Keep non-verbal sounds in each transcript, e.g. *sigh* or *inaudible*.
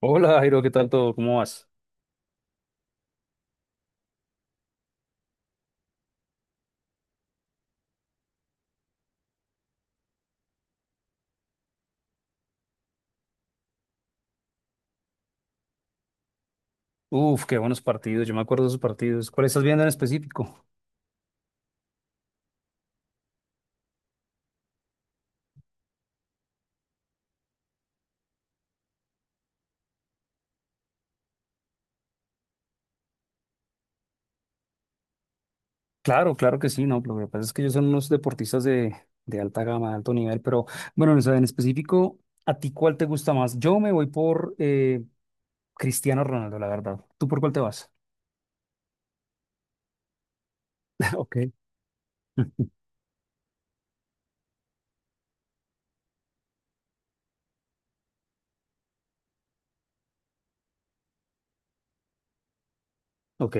Hola Jairo, ¿qué tal todo? ¿Cómo vas? Uf, qué buenos partidos, yo me acuerdo de esos partidos. ¿Cuál estás viendo en específico? Claro, claro que sí, no, pero lo que pasa es que ellos son unos deportistas de alta gama, de alto nivel, pero bueno, o sea, en específico, ¿a ti cuál te gusta más? Yo me voy por Cristiano Ronaldo, la verdad. ¿Tú por cuál te vas? *laughs* Ok. *laughs* Ok,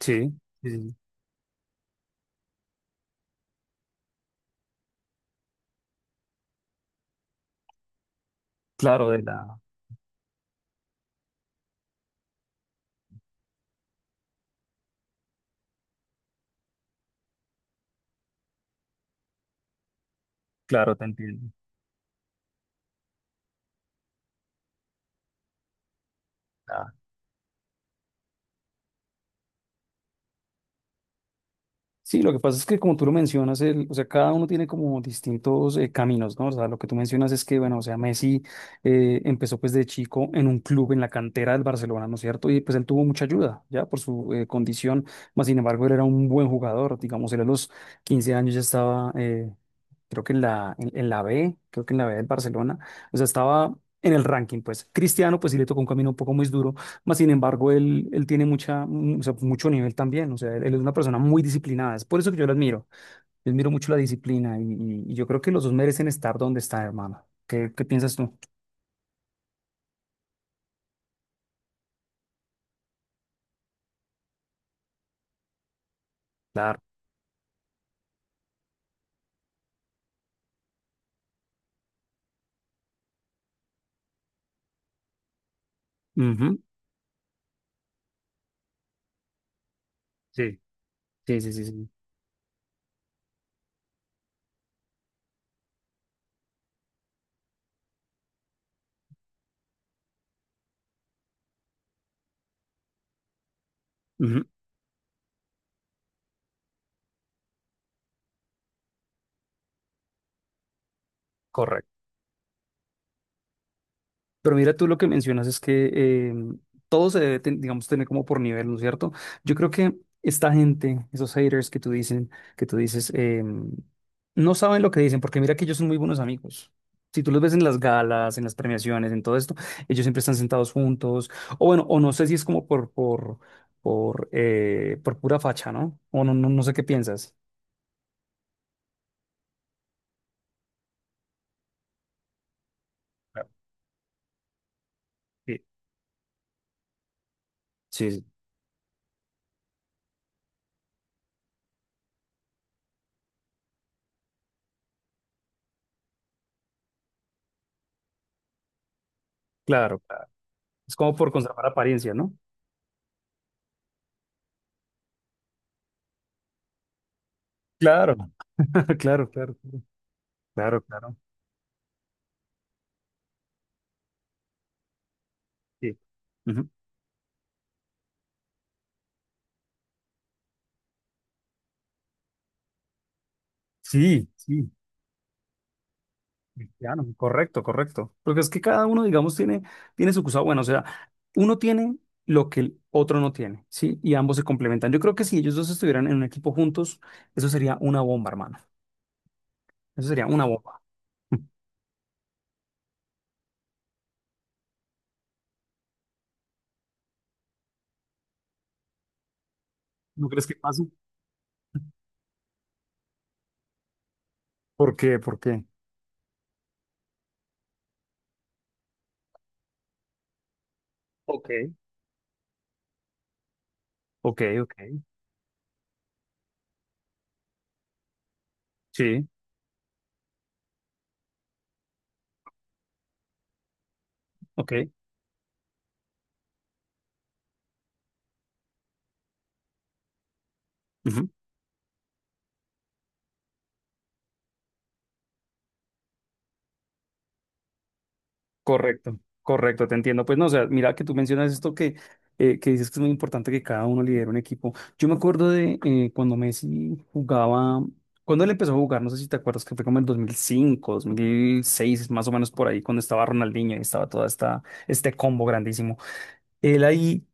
sí, sí, sí. Claro, de la, claro, te entiendo. Ah, sí, lo que pasa es que como tú lo mencionas, el, o sea, cada uno tiene como distintos caminos, ¿no? O sea, lo que tú mencionas es que, bueno, o sea, Messi empezó pues de chico en un club en la cantera del Barcelona, ¿no es cierto? Y pues él tuvo mucha ayuda, ya, por su condición, más sin embargo, él era un buen jugador, digamos, él a los 15 años ya estaba creo que en la B, creo que en la B del Barcelona, o sea, estaba en el ranking, pues. Cristiano, pues sí le tocó un camino un poco muy duro, más sin embargo, él tiene mucha, o sea, mucho nivel también, o sea, él es una persona muy disciplinada, es por eso que yo lo admiro, yo admiro mucho la disciplina y yo creo que los dos merecen estar donde están, hermano. ¿Qué, qué piensas tú? Claro. Ujú. Sí, sí, sí, sí, sí. Ujú. Correcto. Pero mira, tú lo que mencionas es que todo se debe, digamos, tener como por nivel, ¿no es cierto? Yo creo que esta gente, esos haters que tú dicen, que tú dices, no saben lo que dicen, porque mira que ellos son muy buenos amigos. Si tú los ves en las galas, en las premiaciones, en todo esto, ellos siempre están sentados juntos. O bueno, o no sé si es como por pura facha, ¿no? O no, no, no sé qué piensas. Claro. Sí, sí, sí, claro, claro. Es como por conservar apariencia, ¿no? Claro, *laughs* claro, claro, claro, claro. Sí, ujú, sí, sí, cristiano, correcto, correcto. Porque es que cada uno, digamos, tiene, tiene su cosa bueno, o sea, uno tiene lo que el otro no tiene, ¿sí? Y ambos se complementan. Yo creo que si ellos dos estuvieran en un equipo juntos, eso sería una bomba, hermano. Eso sería una bomba. *laughs* ¿No crees que pase? ¿Por qué? ¿Por qué? Ok, ok, ok. Sí, ok. Correcto, correcto, te entiendo. Pues no, o sea, mira que tú mencionas esto que dices que es muy importante que cada uno lidere un equipo. Yo me acuerdo de cuando Messi jugaba, cuando él empezó a jugar, no sé si te acuerdas que fue como en 2005, 2006, más o menos por ahí, cuando estaba Ronaldinho y estaba toda esta, este combo grandísimo. Él ahí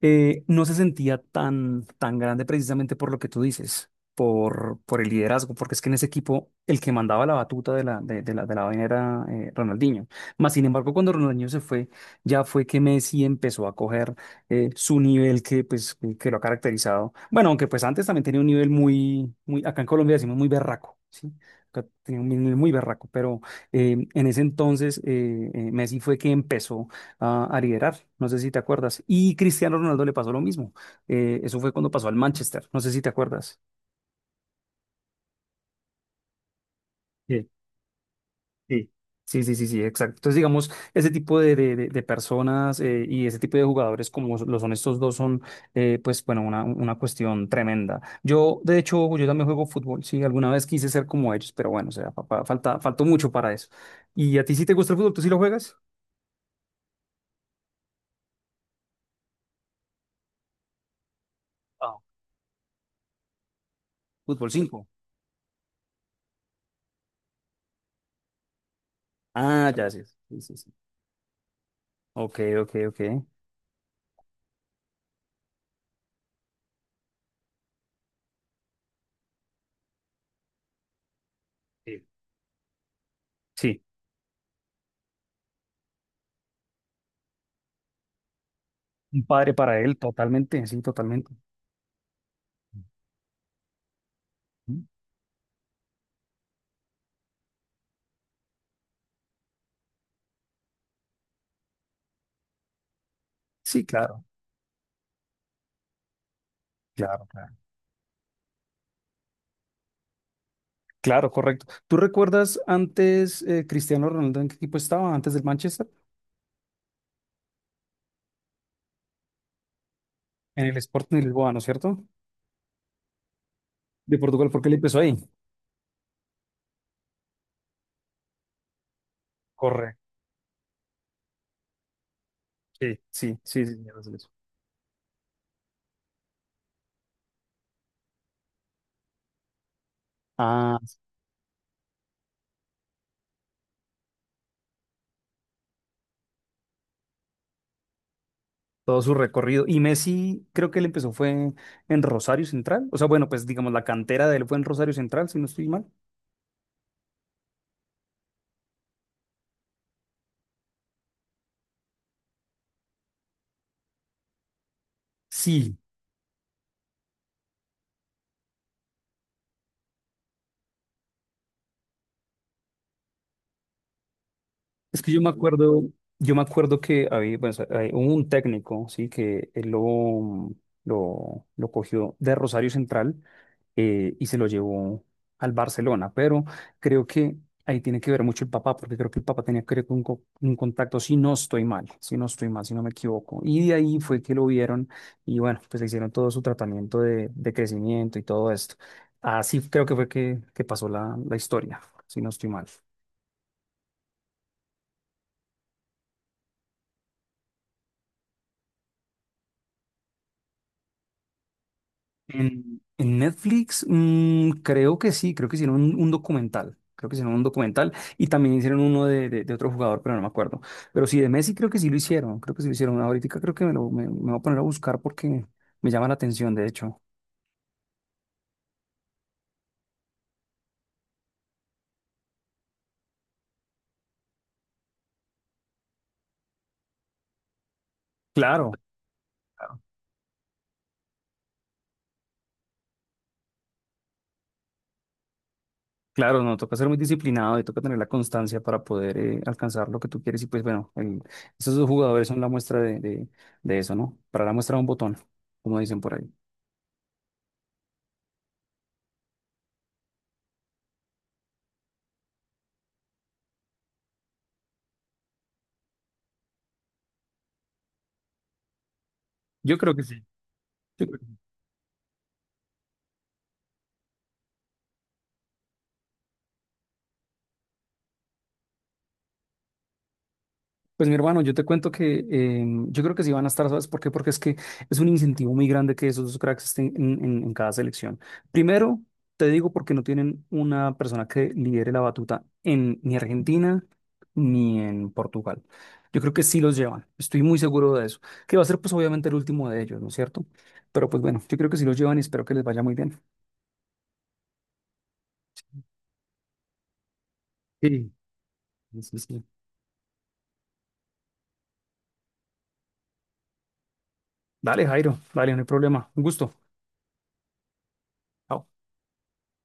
no se sentía tan, tan grande precisamente por lo que tú dices, por el liderazgo, porque es que en ese equipo el que mandaba la batuta de la vaina era Ronaldinho. Más sin embargo, cuando Ronaldinho se fue, ya fue que Messi empezó a coger su nivel que, pues, que lo ha caracterizado. Bueno, aunque pues antes también tenía un nivel muy, muy acá en Colombia decimos muy berraco, ¿sí? Acá tenía un nivel muy berraco, pero en ese entonces Messi fue que empezó a liderar. No sé si te acuerdas. Y Cristiano Ronaldo le pasó lo mismo. Eso fue cuando pasó al Manchester. No sé si te acuerdas. Sí, sí. Sí, sí, sí, sí, exacto. Entonces, digamos, ese tipo de personas y ese tipo de jugadores como lo son estos dos son, pues, bueno, una cuestión tremenda. Yo, de hecho, yo también juego fútbol, sí, alguna vez quise ser como ellos, pero bueno, o sea, faltó mucho para eso. ¿Y a ti sí te gusta el fútbol? ¿Tú sí lo juegas? Ah, fútbol cinco. Ah, ya, sí, sí, sí, sí. Ok, ok, ok. Sí. Sí. Un padre para él, totalmente, sí, totalmente. ¿Mm? Sí, claro, claro, claro. Claro, correcto. ¿Tú recuerdas antes Cristiano Ronaldo en qué equipo estaba? Antes del Manchester, en el Sporting Lisboa, ¿no es cierto? De Portugal, ¿por qué le empezó ahí? Correcto. Sí, sí, sí, sí, señor, así. Ah, todo su recorrido. Y Messi, creo que él empezó fue en Rosario Central. O sea, bueno, pues digamos, la cantera de él fue en Rosario Central, si no estoy mal. Sí, es que yo me acuerdo que había, bueno, o sea, un técnico, sí, que él lo cogió de Rosario Central y se lo llevó al Barcelona, pero creo que ahí tiene que ver mucho el papá, porque creo que el papá tenía que ver con un contacto, si no estoy mal, si no estoy mal, si no me equivoco. Y de ahí fue que lo vieron y bueno, pues le hicieron todo su tratamiento de crecimiento y todo esto. Así creo que fue que pasó la, la historia, si no estoy mal. En Netflix, creo que sí, creo que hicieron un documental. Creo que hicieron un documental y también hicieron uno de otro jugador, pero no me acuerdo. Pero sí, de Messi creo que sí lo hicieron, creo que sí lo hicieron. Ahorita creo que me, lo, me voy a poner a buscar porque me llama la atención, de hecho. Claro, claro, no, toca ser muy disciplinado y toca tener la constancia para poder alcanzar lo que tú quieres. Y pues bueno, esos dos jugadores son la muestra de eso, ¿no? Para la muestra de un botón, como dicen por ahí. Yo creo que sí. Pues mi hermano, yo te cuento que yo creo que sí van a estar, ¿sabes por qué? Porque es que es un incentivo muy grande que esos dos cracks estén en cada selección. Primero, te digo porque no tienen una persona que lidere la batuta en ni Argentina ni en Portugal. Yo creo que sí los llevan, estoy muy seguro de eso. Que va a ser pues obviamente el último de ellos, ¿no es cierto? Pero pues bueno, yo creo que sí los llevan y espero que les vaya muy bien. Sí, sí, sí. Dale, Jairo, dale, no hay problema. Un gusto. Chao.